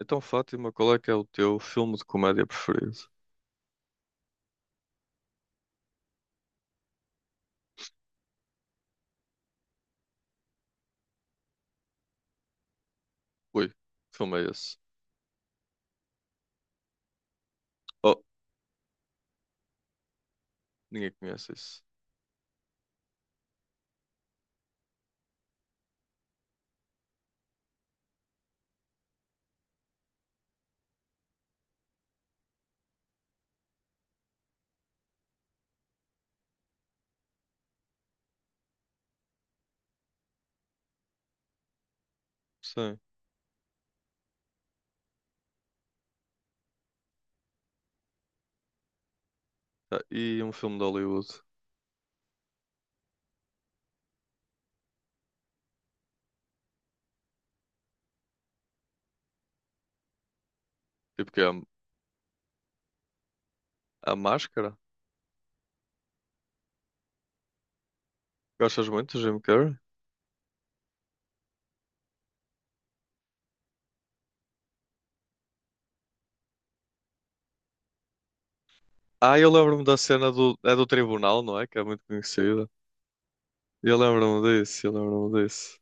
Então, Fátima, qual é que é o teu filme de comédia preferido? Ui, que filme é esse? Oh, ninguém conhece isso. Sim. Ah, e um filme de Hollywood? Tipo que é a Máscara? Gostas muito de Jim Carrey? Ah, eu lembro-me da cena do, é do tribunal, não é? Que é muito conhecida. Eu lembro-me disso, eu lembro-me disso.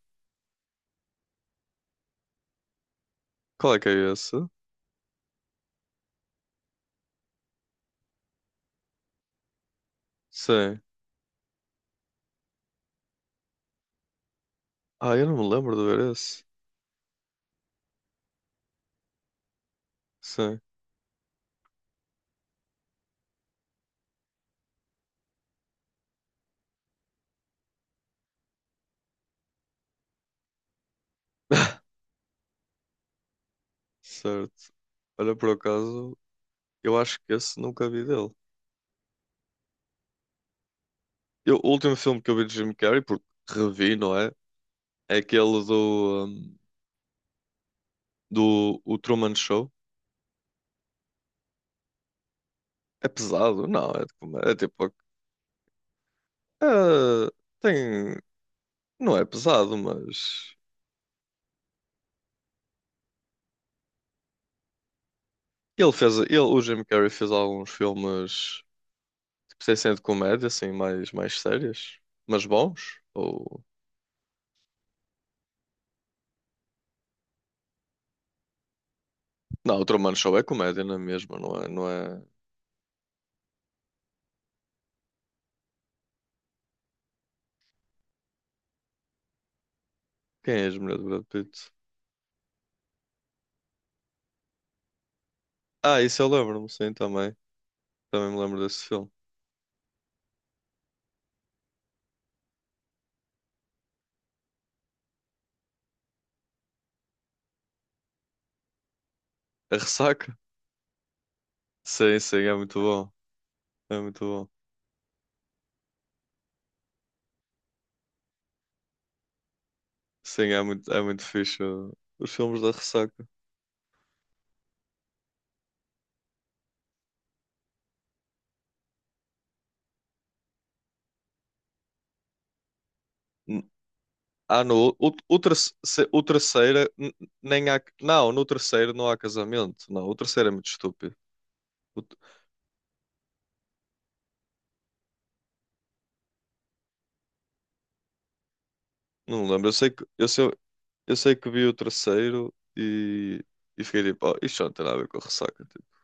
Qual é que é esse? Sim. Ah, eu não me lembro de ver esse. Sim. Certo. Olha, por acaso, eu acho que esse nunca vi dele. O último filme que eu vi de Jim Carrey, porque revi, não é? É aquele do, do o Truman Show. É pesado? Não, é, tipo- É tipo. é- Tem, não é pesado, mas. Ele fez. Ele, o Jim Carrey fez alguns filmes, tipo, sem ser de comédia, assim, mais, mais sérias, mas bons. Ou... Não, o Truman Show é comédia, não é mesmo? Não é, não é... Quem é a mulher do Brad Pitt? Ah, isso eu lembro-me, sim, também. Também me lembro desse filme. A Ressaca? Sim, sim, é muito bom. É muito bom. Sim, é muito fixe os filmes da Ressaca. N- Ah, no, o terceiro nem há. Não, no terceiro não há casamento. Não, o terceiro é muito estúpido. O te- não lembro. Eu sei que vi o terceiro e fiquei tipo, oh, isto não tem nada a ver com a Ressaca. Tipo.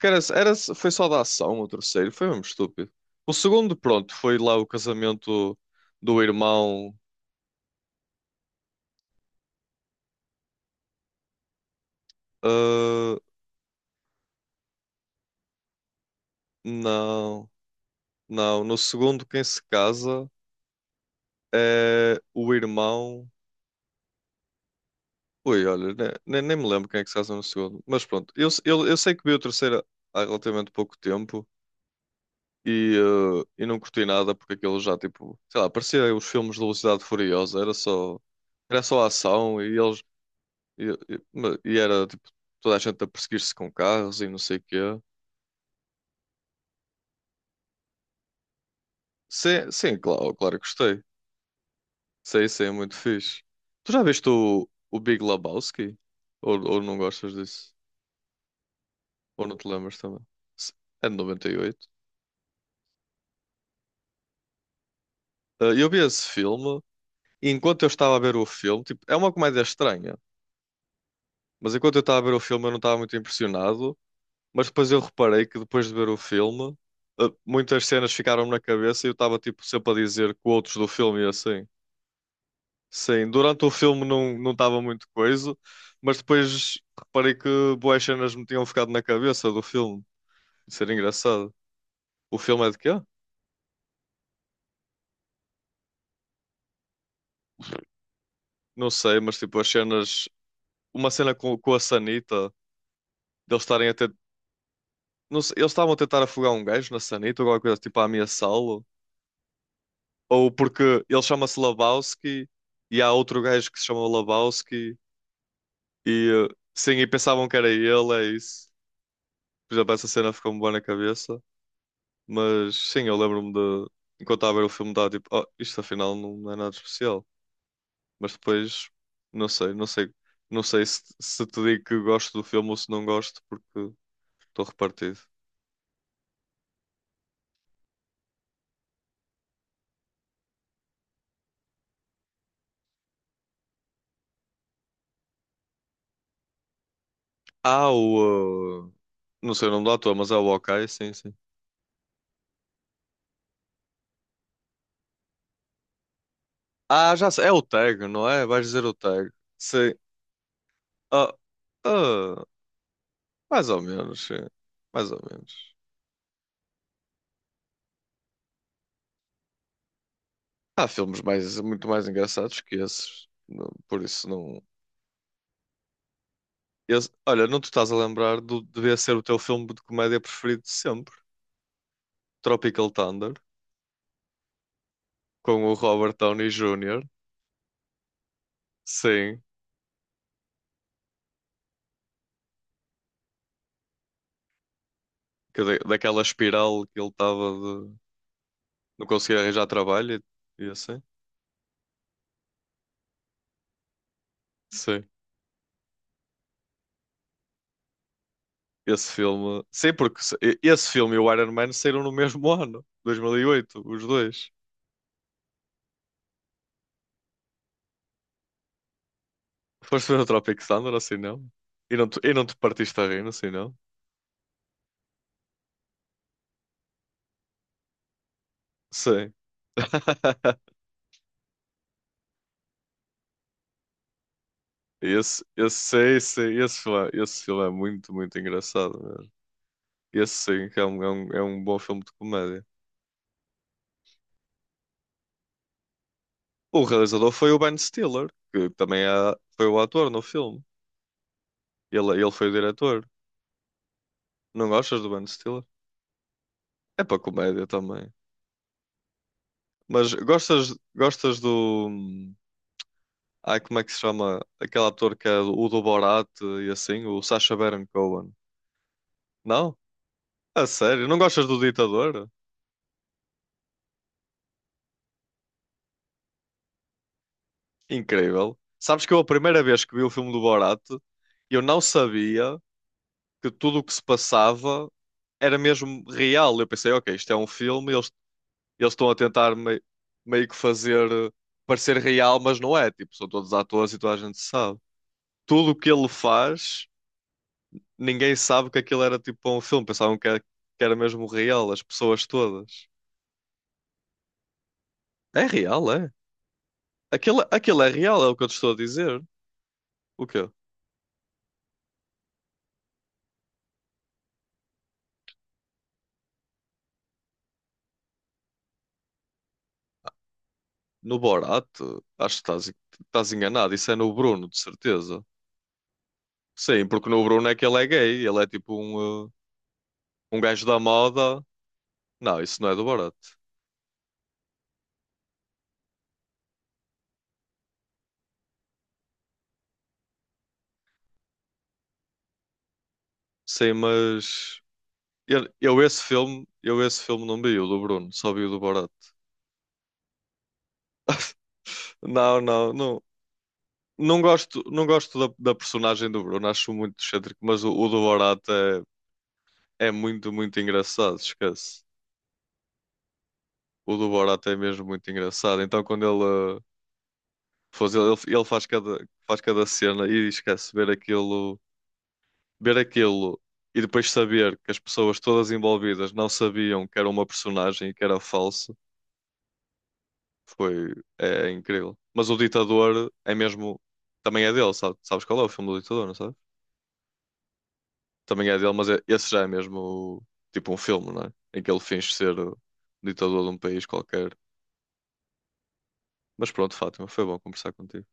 Que era, era, foi só da ação o terceiro, foi mesmo estúpido. O segundo, pronto, foi lá o casamento do irmão. Ah, não, não. No segundo, quem se casa. Eh, o irmão. Ui, olha, nem me lembro quem é que se casa no segundo. Mas pronto, eu, se- eu sei que vi o terceiro há relativamente pouco tempo e, eh, e não curti nada porque aquilo já, tipo, sei lá, parecia os filmes de Velocidade Furiosa, era só ação e eles. E, e era, tipo, toda a gente a perseguir-se com carros e não sei o quê. Sim, sim, claro, claro que gostei. Sei, sei, é muito fixe. Tu já viste o Big Lebowski? Ou não gostas disso? Ou não te lembras também? Se- É de 98. Ah, eu vi esse filme e enquanto eu estava a ver o filme, tipo, é uma comédia estranha, mas enquanto eu estava a ver o filme eu não estava muito impressionado, mas depois eu reparei que depois de ver o filme, ah, muitas cenas ficaram-me na cabeça e eu estava tipo sempre a dizer quotes do filme e assim. Sim, durante o filme não estava muito coisa, mas depois reparei que boas cenas me tinham ficado na cabeça do filme. Isso era engraçado. O filme é de quê? Não sei, mas tipo, as cenas uma cena com a sanita, deles estarem a tentar. Não sei, eles estavam a tentar afogar um gajo na sanita ou alguma coisa tipo a ameaçá-lo. Ou porque ele chama-se Lebowski e há outro gajo que se chama Lebowski e eh, sim, e pensavam que era ele, é isso. Por exemplo, essa cena ficou-me boa na cabeça. Mas sim, eu lembro-me de. Enquanto estava a ver o filme, estava tipo, oh, isto afinal não é nada especial. Mas depois, não sei, não sei, não sei se, se te digo que gosto do filme ou se não gosto, porque estou repartido. Ah, o. Não sei o nome do ator, mas é o Hawkeye, sim, sim. Ah, já sei. É o tag, não é? Vais dizer o tag. Sim. Ah, ah, mais ou menos, sim. Mais ou menos. Há filmes mais, muito mais engraçados que esses. Não- por isso não. Esse- olha, não te estás a lembrar do. Devia ser o teu filme de comédia preferido de sempre: Tropical Thunder, com o Robert Downey Jr. Sim. Que daquela espiral que ele estava de. Não conseguia arranjar trabalho e assim. Sim. Esse filme. Sim, porque esse filme e o Iron Man saíram no mesmo ano, 2008, os dois. Foste ver o Tropic Thunder, assim não? E não te partiste a rir, assim não? Sim. Esse, sei, sei, esse filme é, esse filme é muito, muito engraçado mesmo. Esse sim, que é um, é um, é um bom filme de comédia. O realizador foi o Ben Stiller, que também é, foi o ator no filme. Ele foi o diretor. Não gostas do Ben Stiller? É para comédia também. Mas gostas, gostas do. Ai, como é que se chama? Aquele ator que é o do Borat e assim, o Sacha Baron Cohen. Não? A sério? Não gostas do Ditador? Incrível. Sabes que eu a primeira vez que vi o filme do Borat, eu não sabia que tudo o que se passava era mesmo real. Eu pensei, ok, isto é um filme, eles estão a tentar meio que fazer parecer real, mas não é. Tipo, são todos atores e toda a gente sabe. Tudo o que ele faz ninguém sabe que aquilo era tipo um filme, pensavam que era mesmo real, as pessoas todas. É real, é? Aquilo, aquilo é real, é o que eu te estou a dizer. O quê? No Borat? Acho que estás, estás enganado, isso é no Bruno, de certeza. Sim, porque no Bruno é que ele é gay, ele é tipo um, um gajo da moda. Não, isso não é do Borat. Sim, mas eu esse filme não vi o do Bruno, só vi o do Borat. Não, não, não, não gosto, não gosto da, da personagem do Bruno, acho muito excêntrico, mas o do Borat é, é muito, muito engraçado, esquece. O do Borat é mesmo muito engraçado. Então, quando ele, faz, ele faz cada cena e esquece ver aquilo e depois saber que as pessoas todas envolvidas não sabiam que era uma personagem e que era falso, foi, é, é incrível. Mas o Ditador é mesmo, também é dele, sabe? Sabes qual é o filme do Ditador, não sabes? Também é dele, mas é- esse já é mesmo tipo um filme, não é? Em que ele finge ser o ditador de um país qualquer. Mas pronto, Fátima, foi bom conversar contigo.